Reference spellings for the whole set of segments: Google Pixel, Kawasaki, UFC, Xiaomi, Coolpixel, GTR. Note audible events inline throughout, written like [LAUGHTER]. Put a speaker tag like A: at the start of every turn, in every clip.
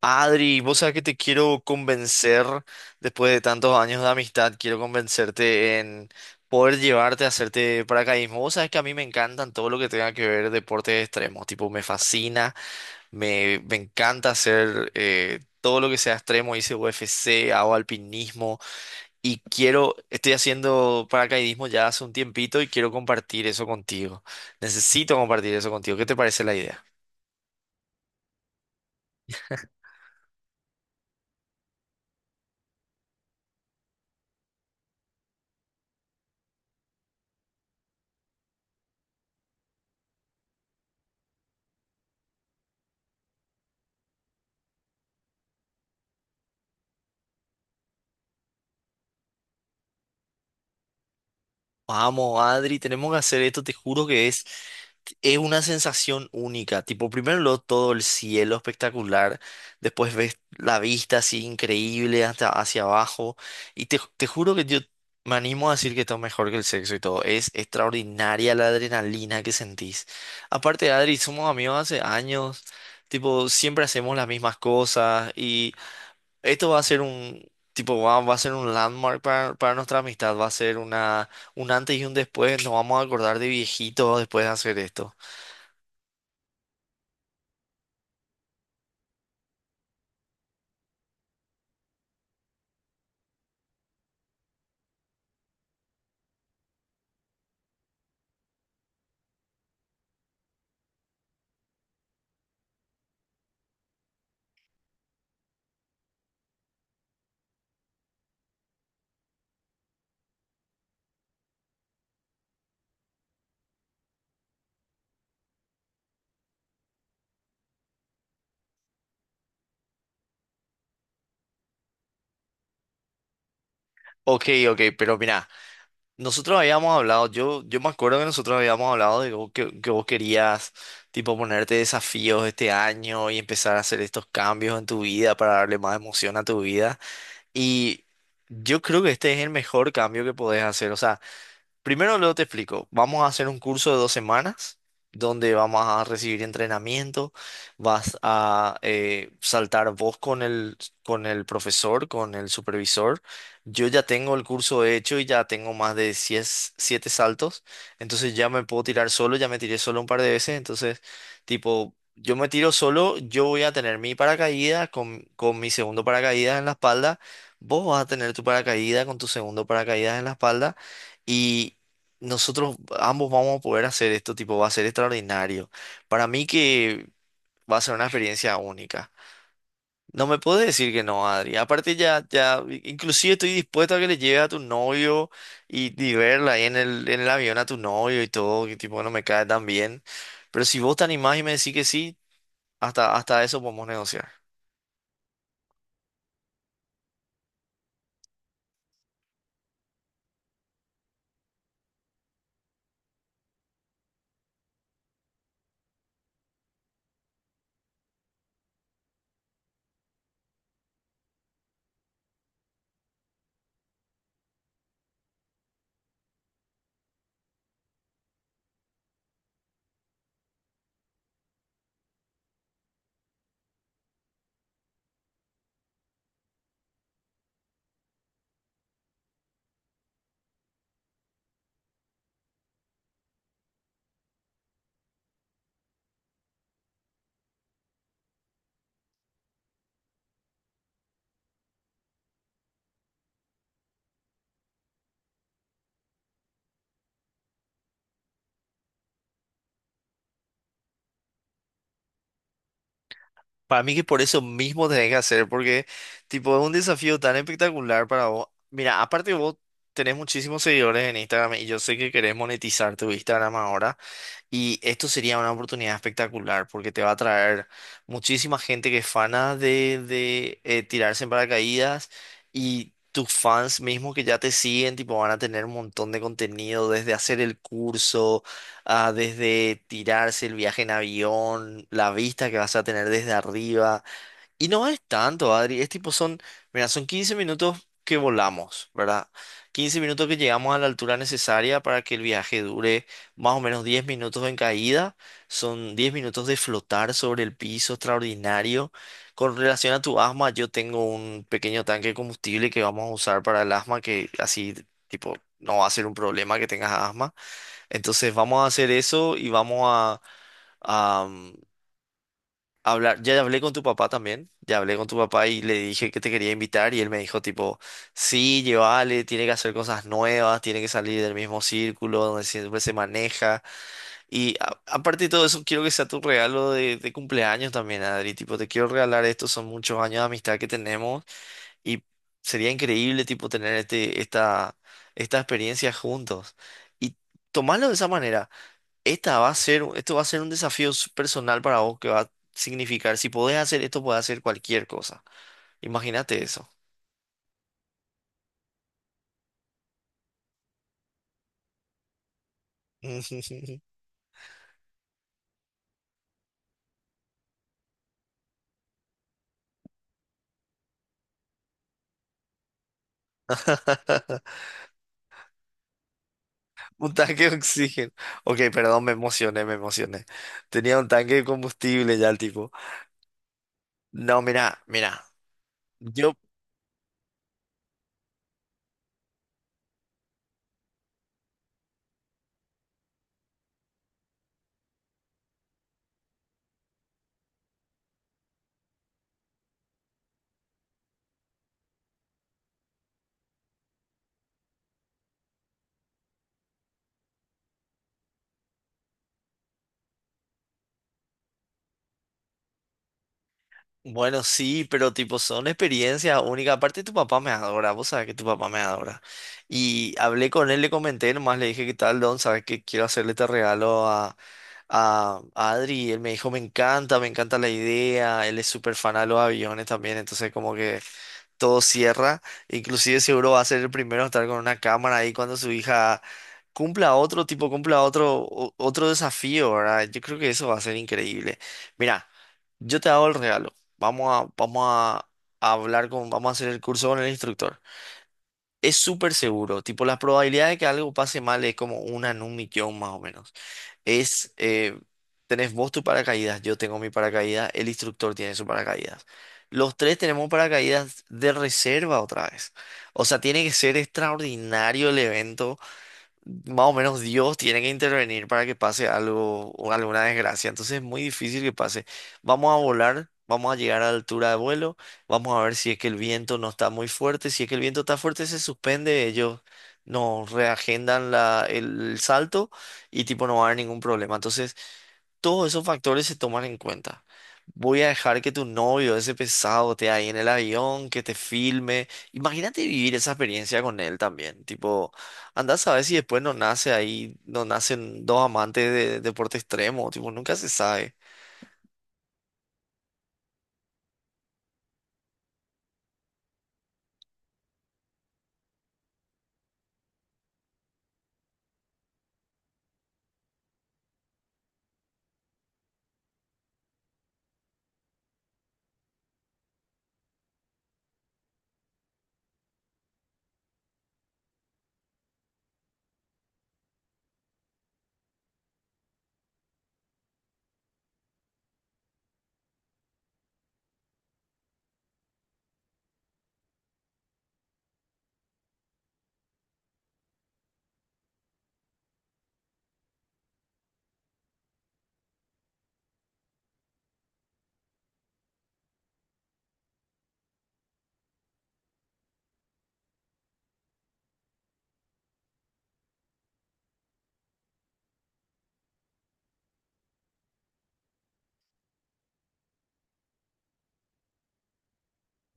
A: Adri, vos sabés que te quiero convencer, después de tantos años de amistad, quiero convencerte en poder llevarte a hacerte paracaidismo. Vos sabés que a mí me encantan todo lo que tenga que ver deportes extremos, tipo me fascina, me encanta hacer todo lo que sea extremo, hice UFC, hago alpinismo y quiero, estoy haciendo paracaidismo ya hace un tiempito y quiero compartir eso contigo. Necesito compartir eso contigo. ¿Qué te parece la idea? Vamos, Adri, tenemos que hacer esto, te juro que es una sensación única. Tipo, todo el cielo espectacular, después ves la vista así increíble hasta hacia abajo. Y te juro que yo me animo a decir que está mejor que el sexo y todo. Es extraordinaria la adrenalina que sentís. Aparte, Adri, somos amigos hace años. Tipo, siempre hacemos las mismas cosas y esto va a ser un tipo, va a ser un landmark para nuestra amistad, va a ser una, un antes y un después, nos vamos a acordar de viejitos después de hacer esto. Ok, ok, pero mira, nosotros habíamos hablado, yo me acuerdo que nosotros habíamos hablado de que, que vos querías tipo ponerte desafíos este año y empezar a hacer estos cambios en tu vida para darle más emoción a tu vida. Y yo creo que este es el mejor cambio que podés hacer. O sea, primero luego te explico. Vamos a hacer un curso de 2 semanas donde vamos a recibir entrenamiento, vas a saltar vos con el profesor, con el supervisor. Yo ya tengo el curso hecho y ya tengo más de 100 siete saltos, entonces ya me puedo tirar solo, ya me tiré solo un par de veces, entonces tipo, yo me tiro solo, yo voy a tener mi paracaídas con mi segundo paracaídas en la espalda, vos vas a tener tu paracaídas con tu segundo paracaídas en la espalda. Y nosotros ambos vamos a poder hacer esto, tipo, va a ser extraordinario. Para mí que va a ser una experiencia única. No me puedes decir que no, Adri. Aparte inclusive estoy dispuesto a que le lleve a tu novio y verla ahí en el avión a tu novio y todo, que tipo no me cae tan bien. Pero si vos te animás y me decís que sí, hasta, hasta eso podemos negociar. Para mí que por eso mismo tenés que hacer, porque tipo es un desafío tan espectacular para vos. Mira, aparte vos tenés muchísimos seguidores en Instagram y yo sé que querés monetizar tu Instagram ahora. Y esto sería una oportunidad espectacular porque te va a traer muchísima gente que es fana de tirarse en paracaídas y tus fans mismos que ya te siguen, tipo, van a tener un montón de contenido desde hacer el curso, ah, desde tirarse el viaje en avión, la vista que vas a tener desde arriba. Y no es tanto, Adri. Es tipo, son, mira, son 15 minutos que volamos, ¿verdad? 15 minutos que llegamos a la altura necesaria para que el viaje dure más o menos 10 minutos en caída. Son 10 minutos de flotar sobre el piso extraordinario. Con relación a tu asma, yo tengo un pequeño tanque de combustible que vamos a usar para el asma, que así, tipo, no va a ser un problema que tengas asma. Entonces, vamos a hacer eso y vamos a hablar, ya hablé con tu papá también, ya hablé con tu papá y le dije que te quería invitar y él me dijo tipo, sí, llévale, tiene que hacer cosas nuevas, tiene que salir del mismo círculo donde siempre se maneja y aparte de todo eso quiero que sea tu regalo de cumpleaños también, Adri, tipo, te quiero regalar esto, son muchos años de amistad que tenemos y sería increíble tipo tener este, esta experiencia juntos. Y tomarlo de esa manera. Esta va a ser, esto va a ser un personal para vos que va a significar, si podés hacer esto, podés hacer cualquier cosa. Imagínate eso. [LAUGHS] Un tanque de oxígeno. Ok, perdón, me emocioné, me emocioné. Tenía un tanque de combustible ya el tipo. No, mira, mira. Yo bueno, sí, pero tipo son experiencias únicas. Aparte tu papá me adora, vos sabés que tu papá me adora. Y hablé con él, le comenté, nomás le dije, ¿qué tal, Don? ¿Sabes que quiero hacerle este regalo a, a Adri? Y él me dijo, me encanta la idea. Él es súper fan a los aviones también, entonces como que todo cierra. Inclusive seguro va a ser el primero a estar con una cámara ahí cuando su hija cumpla otro, tipo, otro desafío, ¿verdad? Yo creo que eso va a ser increíble. Mira, yo te hago el regalo. Vamos a, vamos a hablar con, vamos a hacer el curso con el instructor. Es súper seguro, tipo, las probabilidades de que algo pase mal es como una en un millón más o menos. Es, tenés vos tu paracaídas, yo tengo mi paracaídas, el instructor tiene su paracaídas. Los tres tenemos paracaídas de reserva otra vez. O sea, tiene que ser extraordinario el evento, más o menos Dios tiene que intervenir para que pase algo o alguna desgracia. Entonces es muy difícil que pase. Vamos a volar, vamos a llegar a altura de vuelo, vamos a ver si es que el viento no está muy fuerte. Si es que el viento está fuerte, se suspende, ellos nos reagendan la, el salto y tipo no va a haber ningún problema. Entonces todos esos factores se toman en cuenta. Voy a dejar que tu novio, ese pesado, esté ahí en el avión, que te filme. Imagínate vivir esa experiencia con él también. Tipo, andás a ver si después no nace ahí, no nacen dos amantes de deporte extremo. Tipo, nunca se sabe.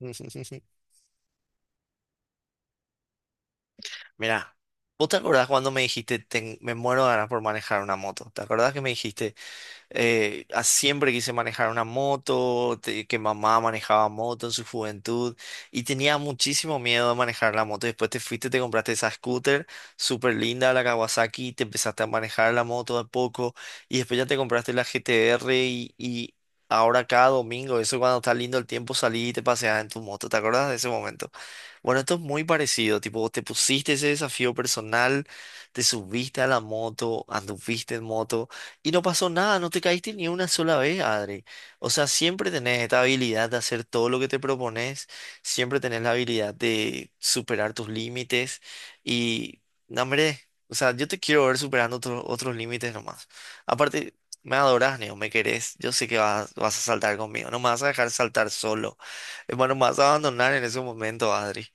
A: [LAUGHS] Mira, ¿vos te acordás cuando me dijiste, me muero de ganas por manejar una moto"? ¿Te acordás que me dijiste, siempre quise manejar una moto, que mamá manejaba moto en su juventud y tenía muchísimo miedo de manejar la moto? Después te fuiste, te compraste esa scooter súper linda, la Kawasaki, te empezaste a manejar la moto de a poco y después ya te compraste la GTR y ahora cada domingo, eso cuando está lindo el tiempo, salí y te paseas en tu moto. ¿Te acuerdas de ese momento? Bueno, esto es muy parecido, tipo, vos te pusiste ese desafío personal, te subiste a la moto, anduviste en moto. Y no pasó nada, no te caíste ni una sola vez, Adri. O sea, siempre tenés esta habilidad de hacer todo lo que te propones, siempre tenés la habilidad de superar tus límites y, no, hombre, o sea, yo te quiero ver superando otros límites nomás. Aparte, me adorás, Neo, me querés, yo sé que vas, vas a saltar conmigo, no me vas a dejar saltar solo. Bueno, me vas a abandonar en ese momento, Adri.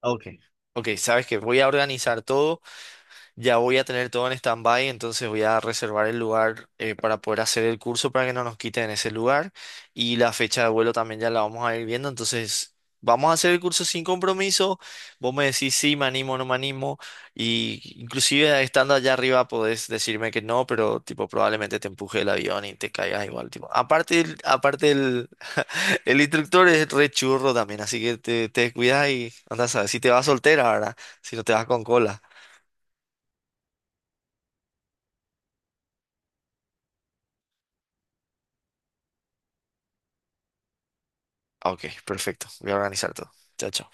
A: Ok. Ok, sabes que voy a organizar todo. Ya voy a tener todo en stand-by, entonces voy a reservar el lugar para poder hacer el curso para que no nos quiten ese lugar. Y la fecha de vuelo también ya la vamos a ir viendo, entonces vamos a hacer el curso sin compromiso. Vos me decís sí, me animo, no me animo. Y inclusive estando allá arriba podés decirme que no, pero tipo probablemente te empuje el avión y te caigas igual. Tipo. Aparte el, [LAUGHS] el instructor es re churro también, así que te descuidas y andas a ver si te vas soltera, ¿verdad? Si no te vas con cola. Ok, perfecto. Voy a organizar todo. Chao, chao.